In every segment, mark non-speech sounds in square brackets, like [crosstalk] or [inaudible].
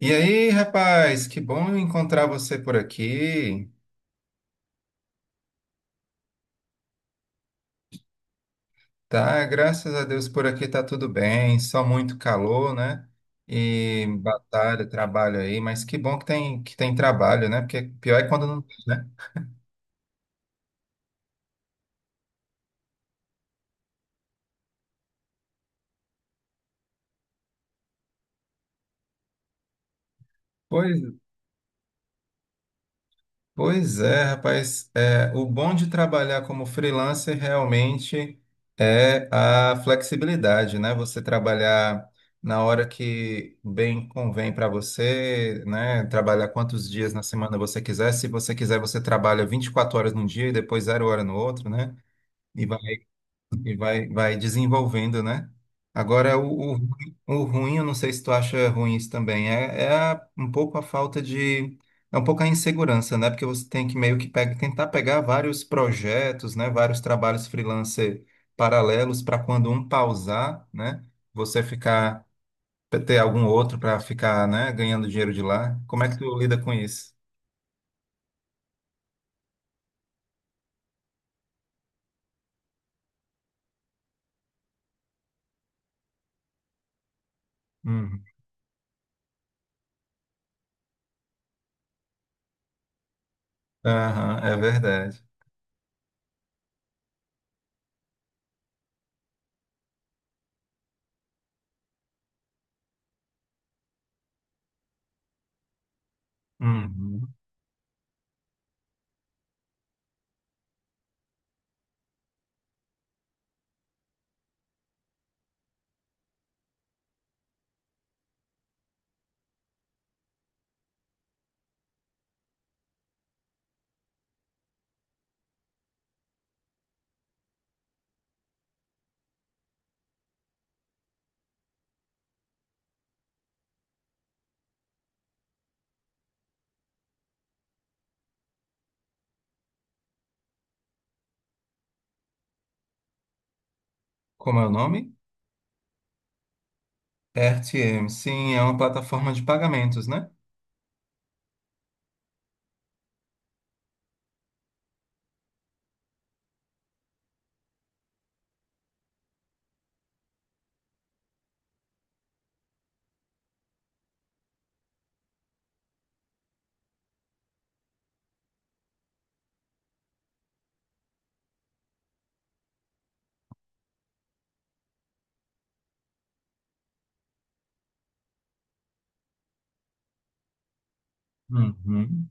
E aí, rapaz, que bom encontrar você por aqui. Tá, graças a Deus por aqui tá tudo bem, só muito calor, né? E batalha, trabalho aí, mas que bom que tem trabalho, né? Porque pior é quando não. Pois Pois é, rapaz. É, o bom de trabalhar como freelancer realmente é a flexibilidade, né? Você trabalhar na hora que bem convém para você, né? Trabalhar quantos dias na semana você quiser. Se você quiser, você trabalha 24 horas num dia e depois zero hora no outro, né? E vai desenvolvendo, né? Agora, o ruim, eu não sei se tu acha ruim isso também, é um pouco a falta de. É um pouco a insegurança, né? Porque você tem que meio que tentar pegar vários projetos, né? Vários trabalhos freelancer paralelos para quando um pausar, né? Você ficar, ter algum outro para ficar, né? Ganhando dinheiro de lá. Como é que tu lida com isso? Uhum. Aham, é verdade. Uhum. Como é o nome? RTM, sim, é uma plataforma de pagamentos, né? Uhum.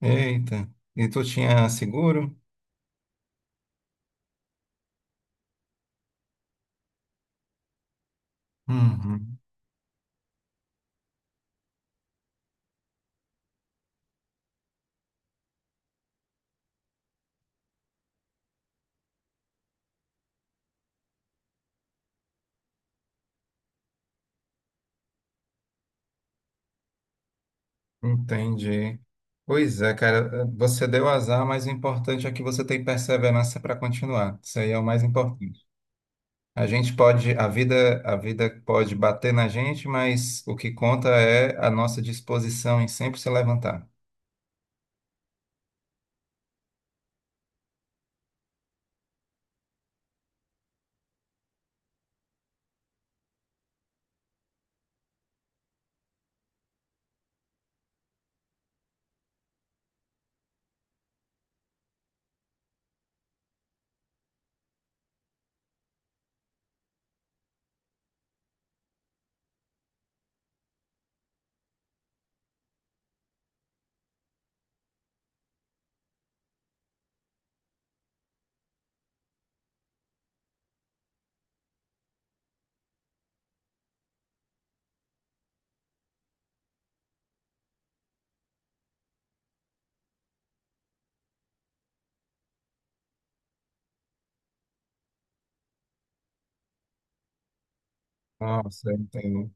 Eita, e tu tinha seguro? Uhum. Entendi. Pois é, cara, você deu azar, mas o importante é que você tem perseverança para continuar. Isso aí é o mais importante. A gente pode, a vida pode bater na gente, mas o que conta é a nossa disposição em sempre se levantar. Nossa, eu entendo.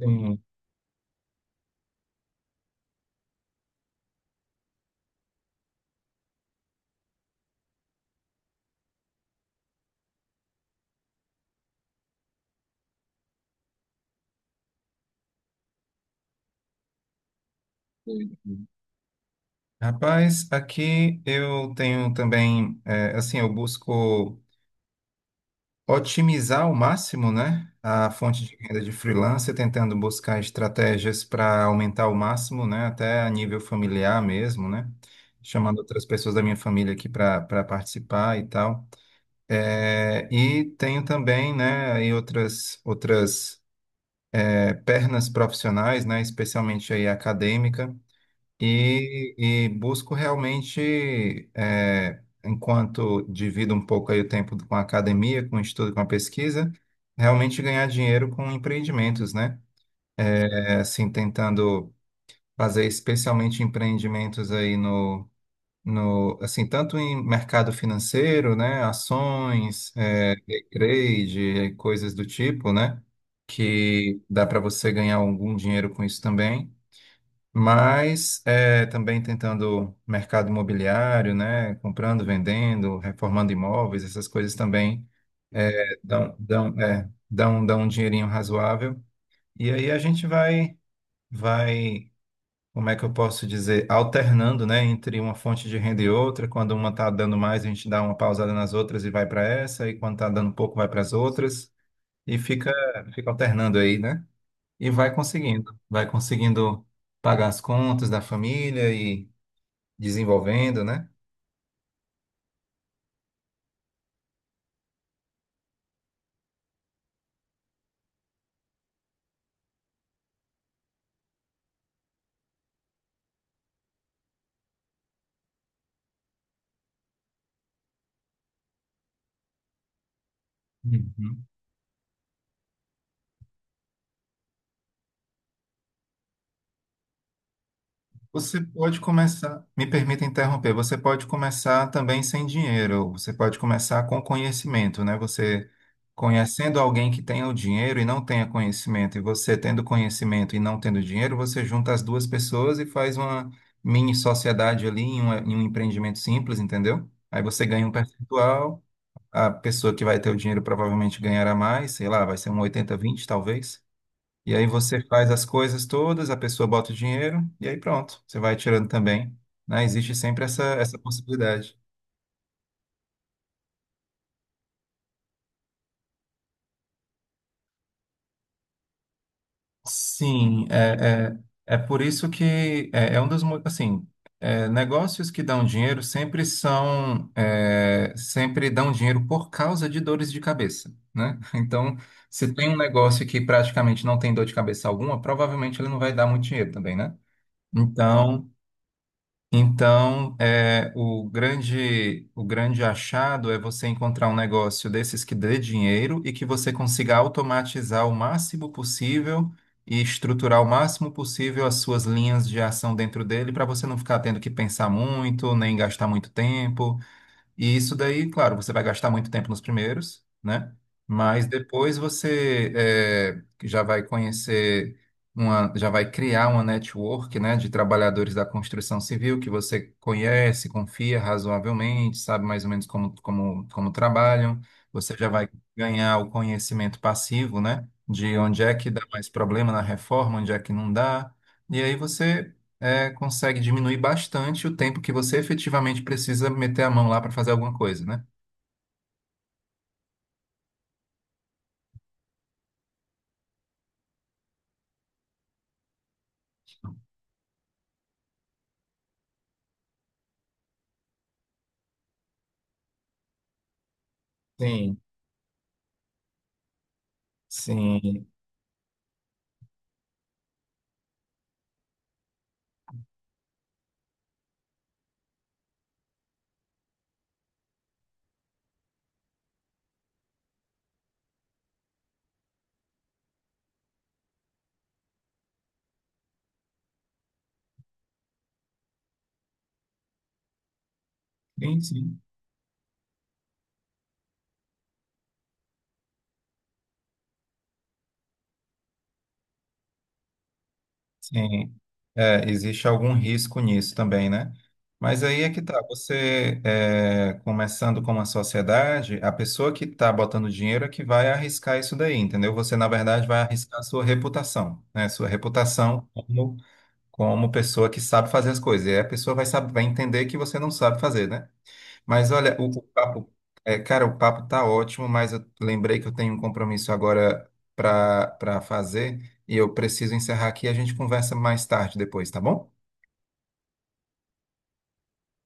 Sim. Rapaz, aqui eu tenho também, é, assim, eu busco otimizar ao máximo, né, a fonte de renda de freelancer, tentando buscar estratégias para aumentar ao máximo, né, até a nível familiar mesmo, né, chamando outras pessoas da minha família aqui para participar e tal. É, e tenho também, né, aí outras é, pernas profissionais, né, especialmente aí a acadêmica. E busco realmente, é, enquanto divido um pouco aí o tempo com a academia, com o estudo, com a pesquisa, realmente ganhar dinheiro com empreendimentos, né? É, assim, tentando fazer especialmente empreendimentos aí no, assim, tanto em mercado financeiro, né? Ações, é, day trade, é, coisas do tipo, né? Que dá para você ganhar algum dinheiro com isso também, mas é, também tentando mercado imobiliário, né? Comprando, vendendo, reformando imóveis, essas coisas também é, dão um dinheirinho razoável. E aí a gente vai, como é que eu posso dizer, alternando, né, entre uma fonte de renda e outra. Quando uma está dando mais, a gente dá uma pausada nas outras e vai para essa, e quando está dando pouco, vai para as outras, e fica alternando aí, né? E vai conseguindo pagar as contas da família e desenvolvendo, né? Uhum. Você pode começar, me permita interromper, você pode começar também sem dinheiro, você pode começar com conhecimento, né? Você conhecendo alguém que tenha o dinheiro e não tenha conhecimento, e você tendo conhecimento e não tendo dinheiro, você junta as duas pessoas e faz uma mini sociedade ali em um empreendimento simples, entendeu? Aí você ganha um percentual. A pessoa que vai ter o dinheiro provavelmente ganhará mais, sei lá, vai ser um 80-20 talvez. E aí você faz as coisas todas, a pessoa bota o dinheiro e aí pronto, você vai tirando também, né? Existe sempre essa possibilidade. Sim, é por isso que é um dos, assim, é, negócios que dão dinheiro sempre são, é, sempre dão dinheiro por causa de dores de cabeça, né? [laughs] Então, se tem um negócio que praticamente não tem dor de cabeça alguma, provavelmente ele não vai dar muito dinheiro também, né? Então, então, é, o grande achado é você encontrar um negócio desses que dê dinheiro e que você consiga automatizar o máximo possível e estruturar o máximo possível as suas linhas de ação dentro dele para você não ficar tendo que pensar muito, nem gastar muito tempo. E isso daí, claro, você vai gastar muito tempo nos primeiros, né? Mas depois você já vai já vai criar uma network, né, de trabalhadores da construção civil que você conhece, confia razoavelmente, sabe mais ou menos como trabalham. Você já vai ganhar o conhecimento passivo, né, de onde é que dá mais problema na reforma, onde é que não dá. E aí você é, consegue diminuir bastante o tempo que você efetivamente precisa meter a mão lá para fazer alguma coisa, né? Sim, sim, sim, sim. Sim. É, existe algum risco nisso também, né? Mas aí é que tá, você é, começando com uma sociedade, a pessoa que está botando dinheiro é que vai arriscar isso daí, entendeu? Você, na verdade, vai arriscar a sua reputação, né? Sua reputação como, como pessoa que sabe fazer as coisas. E aí a pessoa vai, saber, vai entender que você não sabe fazer, né? Mas olha, o papo, é, cara, o papo tá ótimo, mas eu lembrei que eu tenho um compromisso agora para fazer e eu preciso encerrar aqui. A gente conversa mais tarde depois, tá bom?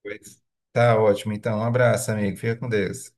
Pois. Tá ótimo. Então, um abraço, amigo. Fica com Deus.